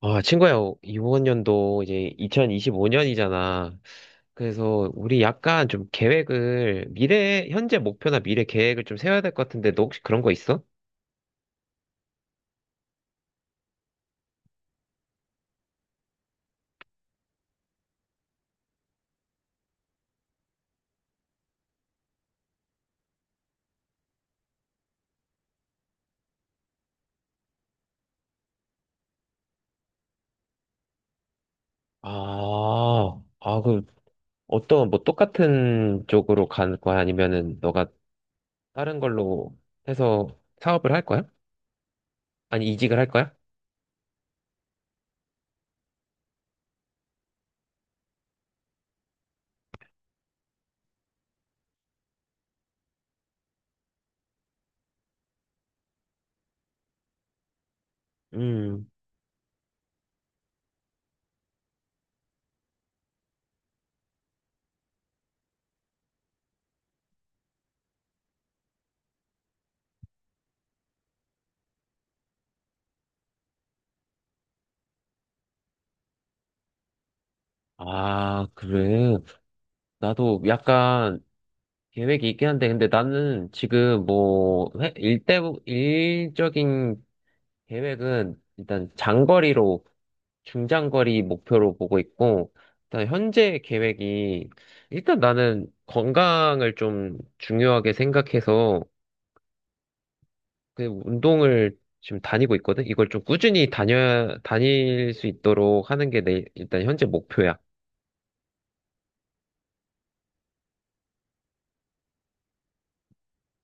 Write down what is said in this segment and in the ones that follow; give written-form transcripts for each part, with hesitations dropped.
아, 친구야, 이번 연도 이제 2025년이잖아. 그래서 우리 약간 좀 계획을, 미래, 현재 목표나 미래 계획을 좀 세워야 될 것 같은데, 너 혹시 그런 거 있어? 아, 아, 그, 어떤, 뭐, 똑같은 쪽으로 간 거야? 아니면은, 너가 다른 걸로 해서 사업을 할 거야? 아니, 이직을 할 거야? 음. 아, 그래. 나도 약간 계획이 있긴 한데, 근데 나는 지금 뭐, 일대, 일적인 계획은 일단 장거리로, 중장거리 목표로 보고 있고, 일단 현재 계획이, 일단 나는 건강을 좀 중요하게 생각해서, 그 운동을 지금 다니고 있거든? 이걸 좀 꾸준히 다닐 수 있도록 하는 게 내, 일단 현재 목표야.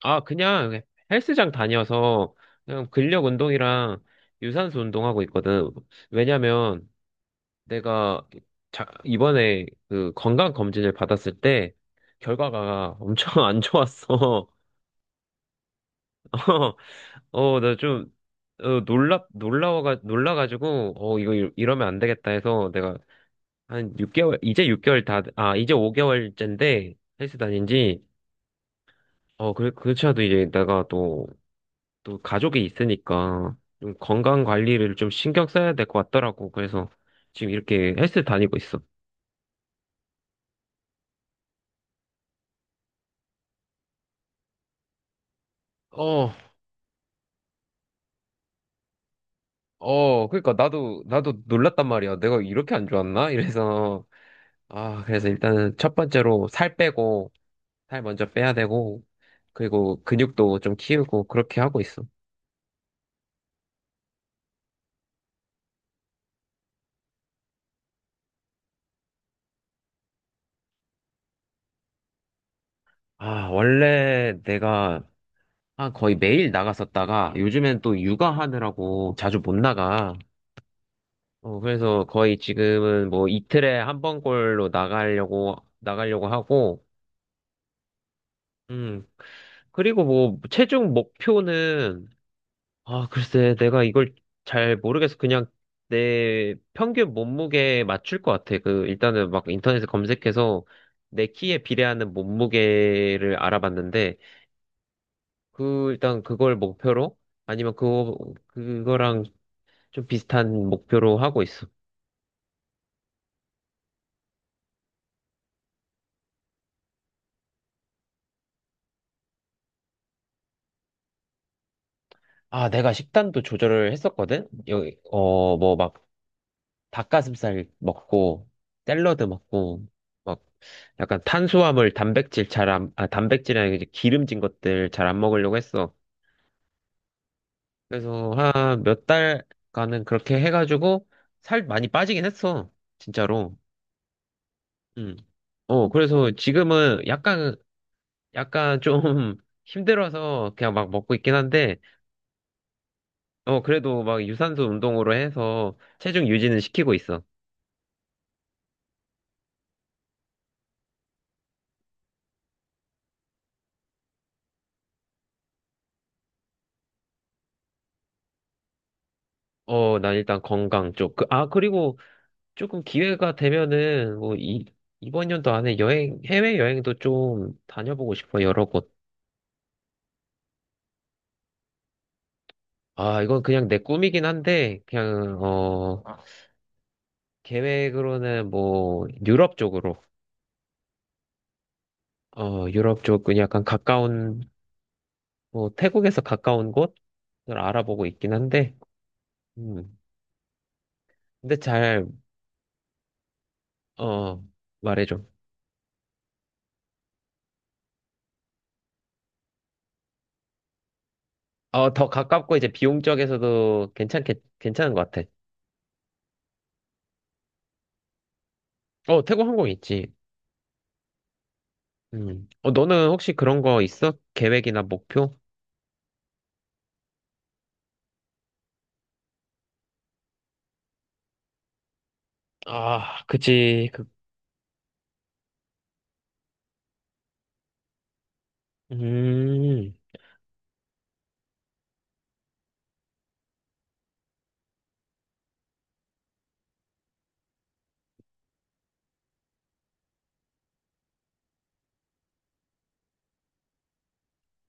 아, 그냥 헬스장 다녀서, 그냥 근력 운동이랑 유산소 운동하고 있거든. 왜냐면, 내가 자, 이번에 그 건강 검진을 받았을 때 결과가 엄청 안 좋았어. 어, 나 좀, 어, 놀라가지고, 어, 이거 이러면 안 되겠다 해서 내가 한 6개월, 이제 6개월 다, 아, 이제 5개월째인데 헬스 다닌 지, 어, 그, 그렇지 않아도 이제 내가 또, 또 가족이 있으니까 좀 건강 관리를 좀 신경 써야 될 것 같더라고. 그래서 지금 이렇게 헬스 다니고 있어. 어, 어, 그러니까 나도 놀랐단 말이야. 내가 이렇게 안 좋았나? 이래서 아, 그래서 일단은 첫 번째로 살 빼고 살 먼저 빼야 되고 그리고 근육도 좀 키우고 그렇게 하고 있어. 아, 원래 내가 한 거의 매일 나갔었다가 요즘엔 또 육아하느라고 자주 못 나가. 어, 그래서 거의 지금은 뭐 이틀에 한 번꼴로 나가려고 하고 음. 그리고 뭐 체중 목표는 아, 글쎄, 내가 이걸 잘 모르겠어. 그냥 내 평균 몸무게에 맞출 것 같아. 그, 일단은 막 인터넷에 검색해서 내 키에 비례하는 몸무게를 알아봤는데, 그, 일단 그걸 목표로, 아니면 그거, 그거랑 좀 비슷한 목표로 하고 있어. 아, 내가 식단도 조절을 했었거든? 여기, 어, 뭐 막 닭가슴살 먹고, 샐러드 먹고, 막 약간 탄수화물, 단백질 잘 안, 아, 단백질이나 이제 기름진 것들 잘 안 먹으려고 했어. 그래서 한 몇 달간은 그렇게 해가지고 살 많이 빠지긴 했어. 진짜로. 음. 어, 그래서 지금은 약간, 약간 좀 힘들어서 그냥 막 먹고 있긴 한데, 어, 그래도 막 유산소 운동으로 해서 체중 유지는 시키고 있어. 어, 난 일단 건강 쪽. 그, 아, 그리고 조금 기회가 되면은 뭐 이, 이번 연도 안에 여행, 해외 여행도 좀 다녀보고 싶어, 여러 곳. 아, 이건 그냥 내 꿈이긴 한데, 그냥, 어, 아, 계획으로는 뭐, 유럽 쪽으로, 어, 유럽 쪽은 약간 가까운, 뭐, 태국에서 가까운 곳을 알아보고 있긴 한데, 음, 근데 잘, 어, 말해줘. 어, 더 가깝고 이제 괜찮은 것 같아. 어, 태국 항공 있지. 음. 어, 너는 혹시 그런 거 있어? 계획이나 목표? 아, 그치. 그, 음,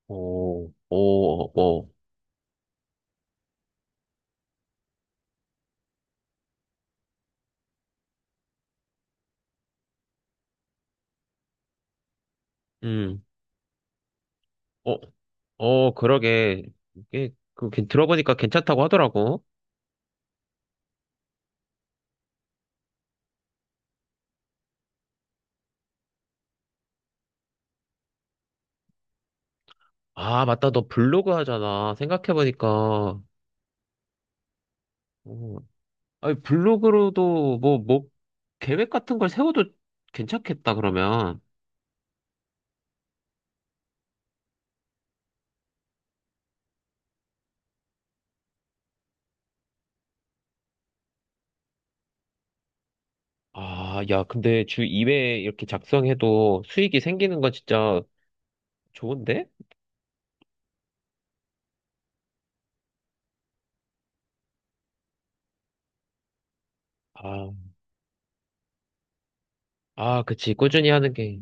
오, 오, 오. 음, 어, 어, 그러게. 이게, 그, 들어보니까 괜찮다고 하더라고. 아, 맞다. 너 블로그 하잖아. 생각해보니까. 어, 아니, 블로그로도 뭐, 계획 같은 걸 세워도 괜찮겠다, 그러면. 아, 야, 근데 주 2회 이렇게 작성해도 수익이 생기는 건 진짜 좋은데? 아, 아, 그치. 꾸준히 하는 게.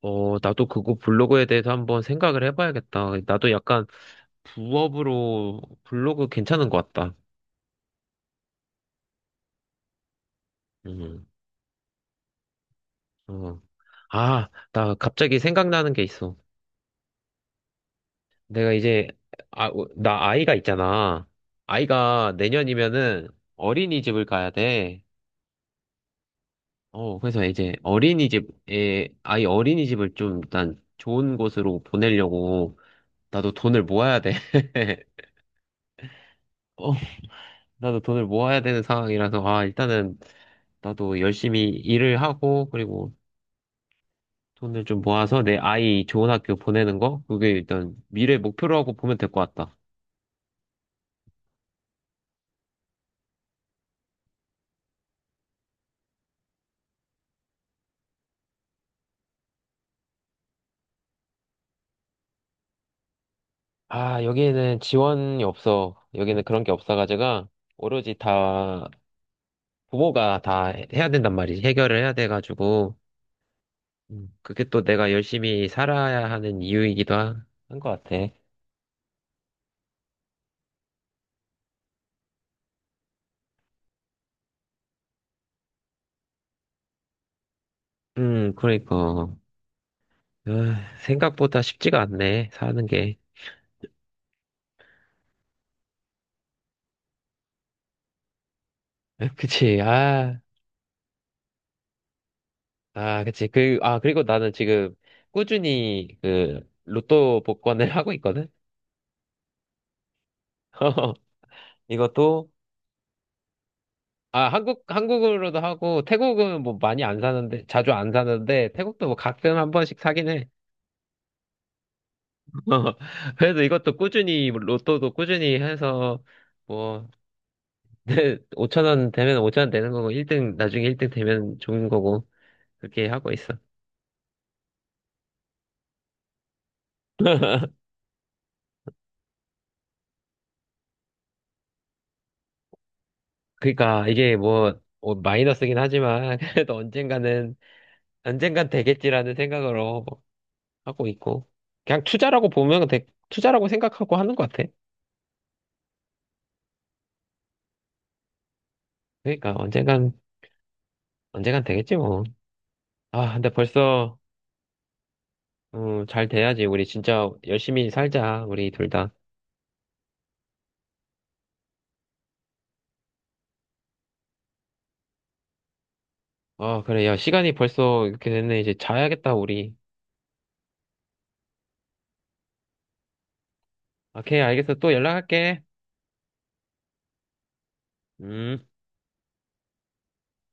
어, 나도 그거 블로그에 대해서 한번 생각을 해봐야겠다. 나도 약간 부업으로 블로그 괜찮은 것 같다. 음, 어. 아, 나 갑자기 생각나는 게 있어. 내가 이제, 아, 어, 나 아이가 있잖아. 아이가 내년이면은 어린이집을 가야 돼. 어, 그래서 이제 어린이집에, 아이 어린이집을 좀 일단 좋은 곳으로 보내려고 나도 돈을 모아야 돼. 어, 나도 돈을 모아야 되는 상황이라서, 아, 일단은 나도 열심히 일을 하고, 그리고 돈을 좀 모아서 내 아이 좋은 학교 보내는 거? 그게 일단 미래 목표로 하고 보면 될 것 같다. 아, 여기는 지원이 없어. 여기는 그런 게 없어가지고, 오로지 다, 부모가 다 해야 된단 말이지. 해결을 해야 돼가지고, 그게 또 내가 열심히 살아야 하는 이유이기도 한 것 같아. 그러니까. 아, 생각보다 쉽지가 않네, 사는 게. 아, 그치, 아. 아, 그치. 그, 아, 그리고 나는 지금 꾸준히 그 로또 복권을 하고 있거든? 이것도, 아, 한국, 한국으로도 하고, 태국은 뭐 많이 안 사는데, 자주 안 사는데, 태국도 뭐 가끔 한 번씩 사긴 해. 그래서 이것도 꾸준히, 로또도 꾸준히 해서, 뭐, 5천 원 되면 5천 원 되는 거고, 1등, 나중에 1등 되면 좋은 거고, 그렇게 하고 있어. 그러니까 이게 뭐, 뭐 마이너스긴 하지만, 그래도 언젠가는, 언젠간 되겠지라는 생각으로 하고 있고 그냥 투자라고 보면 되, 투자라고 생각하고 하는 것 같아. 그러니까 언젠간 되겠지 뭐. 아 근데 벌써 잘 돼야지. 우리 진짜 열심히 살자 우리 둘 다. 아 그래 야 시간이 벌써 이렇게 됐네. 이제 자야겠다 우리. 아, 오케이 알겠어. 또 연락할게. 음.